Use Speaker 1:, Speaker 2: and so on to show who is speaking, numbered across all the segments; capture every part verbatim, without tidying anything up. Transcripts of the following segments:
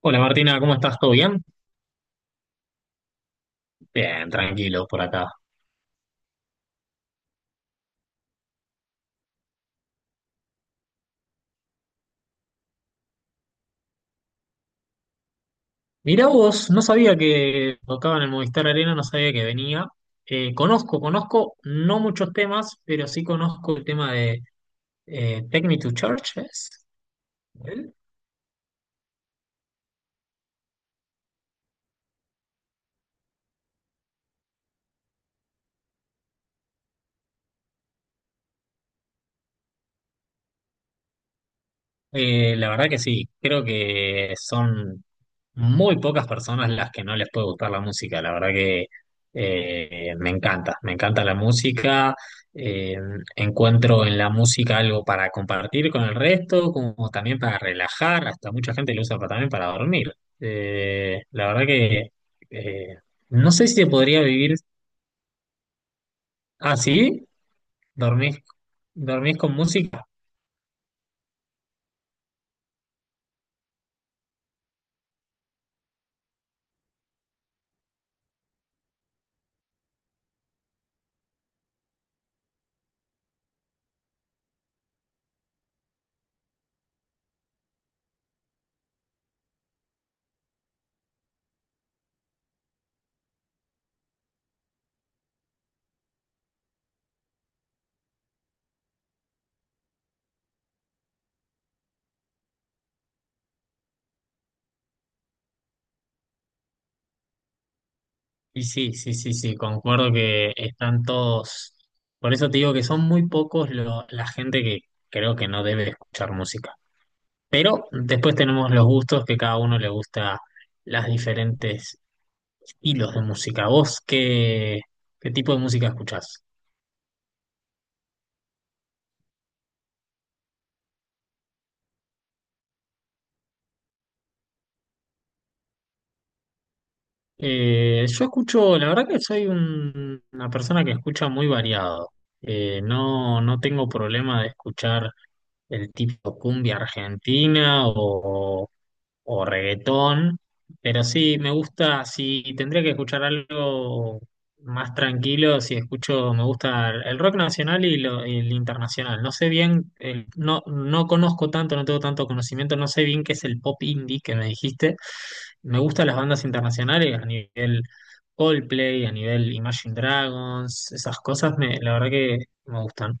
Speaker 1: Hola Martina, ¿cómo estás? ¿Todo bien? Bien, tranquilo por acá. Mirá vos, no sabía que tocaban el Movistar Arena, no sabía que venía. Eh, conozco, conozco no muchos temas, pero sí conozco el tema de eh, Take Me to Church, ¿es? ¿Eh? Eh, la verdad que sí, creo que son muy pocas personas las que no les puede gustar la música. La verdad que eh, me encanta, me encanta la música. eh, Encuentro en la música algo para compartir con el resto, como también para relajar. Hasta mucha gente lo usa pa- también para dormir. Eh, la verdad que eh, no sé si se podría vivir así. ¿Dormís, dormís con música? Y sí, sí, sí, sí, concuerdo que están todos. Por eso te digo que son muy pocos lo- la gente que creo que no debe escuchar música. Pero después tenemos los gustos que cada uno le gusta las diferentes estilos de música. ¿Vos qué, qué tipo de música escuchás? Eh, yo escucho, la verdad que soy un- una persona que escucha muy variado. Eh, no, no tengo problema de escuchar el tipo cumbia argentina o o reggaetón, pero sí, me gusta, si tendría que escuchar algo más tranquilo, si escucho, me gusta el rock nacional y, lo- y el internacional. No sé bien, el- no, no conozco tanto, no tengo tanto conocimiento, no sé bien qué es el pop indie que me dijiste. Me gustan las bandas internacionales a nivel Coldplay, a nivel Imagine Dragons, esas cosas, me, la verdad que me gustan.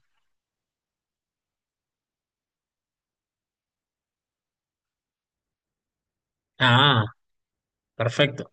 Speaker 1: Ah, perfecto.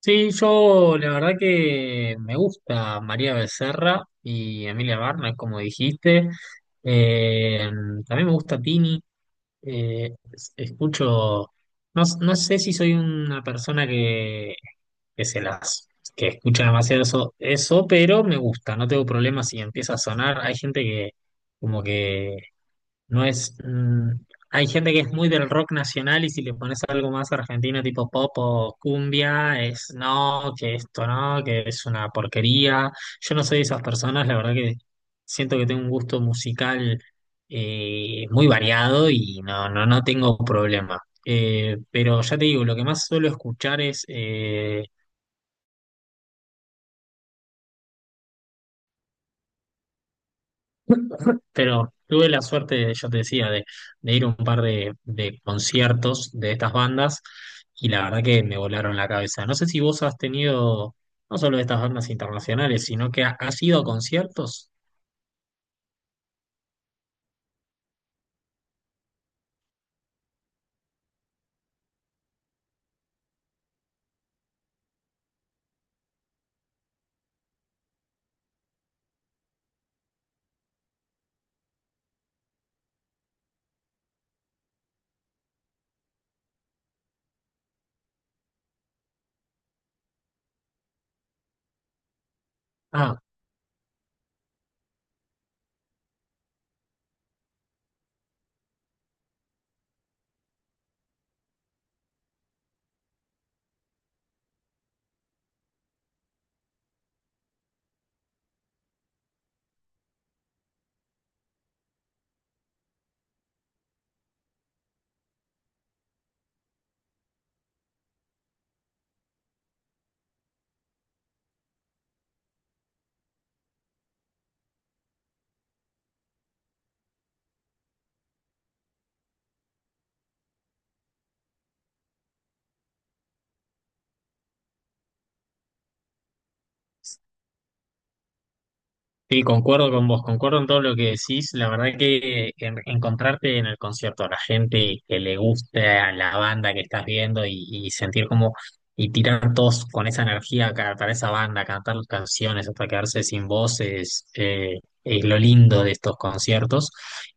Speaker 1: Sí, yo la verdad que me gusta María Becerra y Emilia Barna, como dijiste. Eh, También me gusta Tini. Eh, es- escucho, no, s- no sé si soy una persona que, que se las, que escucha demasiado eso, eso, pero me gusta, no tengo problemas si empieza a sonar. Hay gente que como que no es. Mm, hay gente que es muy del rock nacional y si le pones algo más argentino, tipo pop o cumbia, es no, que esto no, que es una porquería. Yo no soy de esas personas, la verdad que siento que tengo un gusto musical eh, muy variado y no, no, no tengo problema. Eh, pero ya te digo, lo que más suelo escuchar es eh, pero tuve la suerte, yo te decía, de, de ir a un par de, de conciertos de estas bandas y la verdad que me volaron la cabeza. No sé si vos has tenido, no solo de estas bandas internacionales, sino que ha- has ido a conciertos. Ah, sí, concuerdo con vos, concuerdo en todo lo que decís. La verdad que en- encontrarte en el concierto a la gente que le gusta la banda que estás viendo y, y sentir como y tirar todos con esa energía ca- para esa banda, cantar las canciones hasta quedarse sin voz es, eh, es lo lindo de estos conciertos.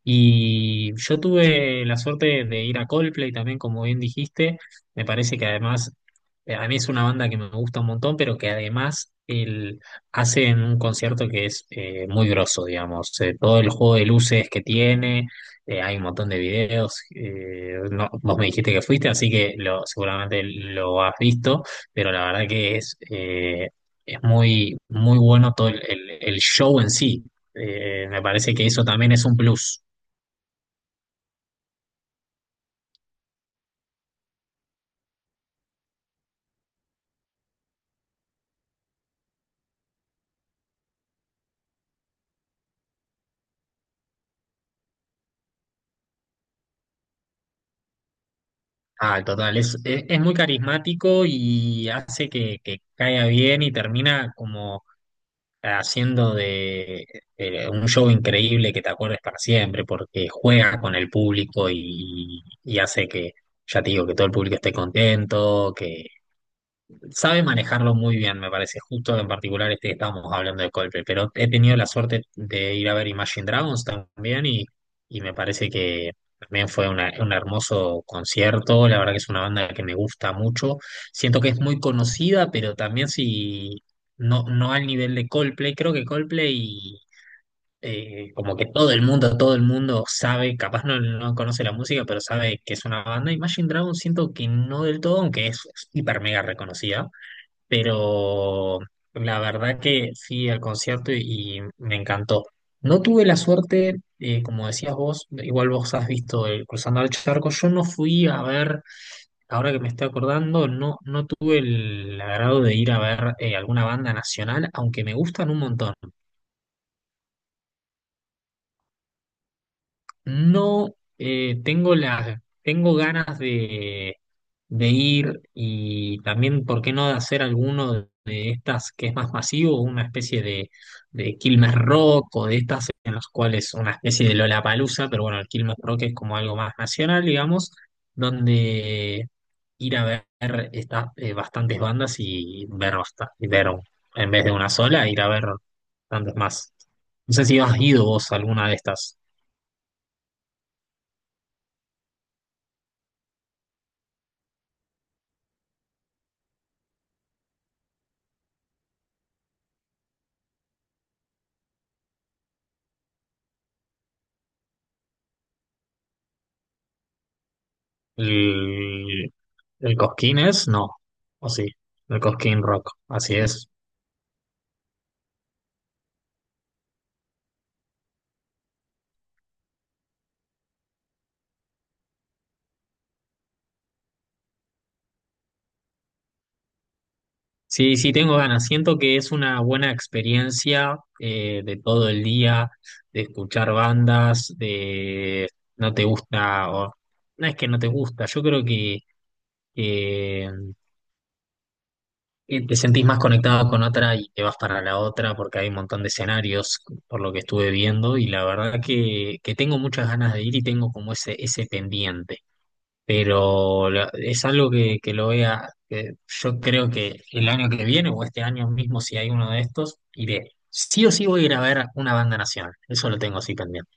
Speaker 1: Y yo tuve la suerte de ir a Coldplay también, como bien dijiste. Me parece que además eh, a mí es una banda que me gusta un montón, pero que además hacen un concierto que es eh, muy grosso, digamos. Eh, todo el juego de luces que tiene, eh, hay un montón de videos. Eh, no- vos me dijiste que fuiste, así que lo, seguramente lo has visto, pero la verdad que es, eh, es muy, muy bueno todo el, el- el show en sí. Eh, me parece que eso también es un plus. Ah, total, es, es, es muy carismático y hace que, que caiga bien y termina como haciendo de, de un show increíble que te acuerdes para siempre, porque juega con el público y, y hace que, ya te digo, que todo el público esté contento, que sabe manejarlo muy bien, me parece. Justo en particular este que estábamos hablando de Coldplay, pero he tenido la suerte de ir a ver Imagine Dragons también y, y me parece que también fue una- un hermoso concierto. La verdad que es una banda que me gusta mucho. Siento que es muy conocida, pero también si no, no al nivel de Coldplay. Creo que Coldplay, eh, como que todo el mundo, todo el mundo sabe, capaz no, no conoce la música, pero sabe que es una banda. Imagine Dragons siento que no del todo, aunque es hiper mega reconocida pero la verdad que fui al concierto y, y me encantó. No tuve la suerte, eh, como decías vos, igual vos has visto el Cruzando el Charco, yo no fui a ver, ahora que me estoy acordando, no, no tuve el agrado de ir a ver eh, alguna banda nacional, aunque me gustan un montón. No eh, tengo las, tengo ganas de, de ir y también, ¿por qué no de hacer alguno de estas que es más masivo, una especie de, de Quilmes Rock o de estas en las cuales una especie de Lollapalooza, pero bueno, el Quilmes Rock es como algo más nacional, digamos, donde ir a ver estas eh, bastantes bandas y ver, basta- y ver en vez de una sola, ir a ver bastantes más. No sé si has ido vos a alguna de estas. El, el Cosquín es, no, o sí, el Cosquín Rock, así es. Sí, sí, tengo ganas. Siento que es una buena experiencia eh, de todo el día, de escuchar bandas, de no te gusta, o no es que no te gusta, yo creo que, que, que te sentís más conectado con otra y te vas para la otra porque hay un montón de escenarios por lo que estuve viendo y la verdad que, que tengo muchas ganas de ir y tengo como ese, ese pendiente. Pero la- es algo que, que lo voy a, que yo creo que el año que viene o este año mismo, si hay uno de estos, iré. Sí o sí voy a ir a ver una banda nacional, eso lo tengo así pendiente.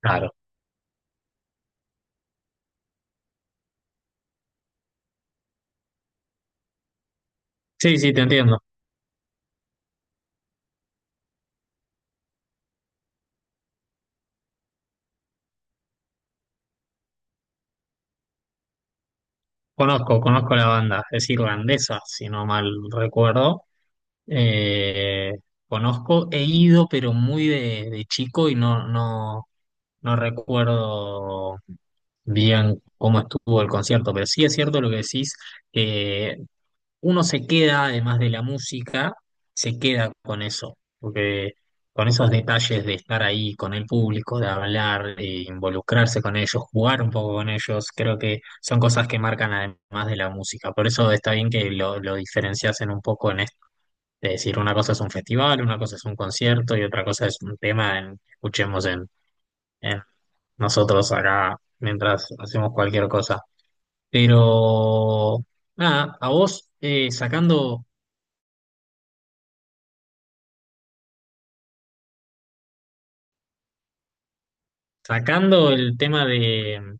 Speaker 1: Claro. Sí, sí, te entiendo. Conozco, conozco la banda, es irlandesa, si no mal recuerdo. Eh, Conozco, he ido, pero muy de, de chico y no, no, no recuerdo bien cómo estuvo el concierto, pero sí es cierto lo que decís. Que uno se queda, además de la música, se queda con eso, porque con esos detalles de estar ahí con el público, de hablar, de involucrarse con ellos, jugar un poco con ellos, creo que son cosas que marcan además de la música. Por eso está bien que lo, lo diferenciasen un poco en esto, de decir una cosa es un festival, una cosa es un concierto y otra cosa es un tema en- que escuchemos en, en nosotros acá mientras hacemos cualquier cosa. Pero nada, a vos, eh, sacando sacando el tema de,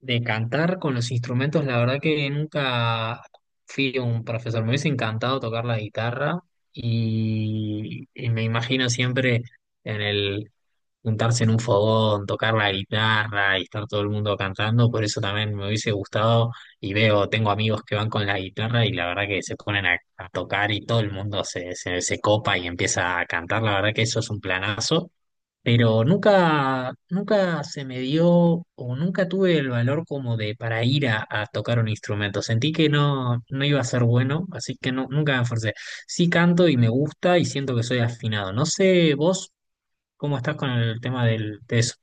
Speaker 1: de cantar con los instrumentos, la verdad que nunca fui un profesor. Me hubiese encantado tocar la guitarra y, y me imagino siempre en el juntarse en un fogón, tocar la guitarra y estar todo el mundo cantando. Por eso también me hubiese gustado y veo, tengo amigos que van con la guitarra y la verdad que se ponen a, a tocar y todo el mundo se, se, se copa y empieza a cantar. La verdad que eso es un planazo. Pero nunca, nunca se me dio o nunca tuve el valor como de para ir a, a tocar un instrumento. Sentí que no, no iba a ser bueno, así que no, nunca me esforcé. Sí canto y me gusta y siento que soy afinado. No sé vos cómo estás con el tema del, de eso.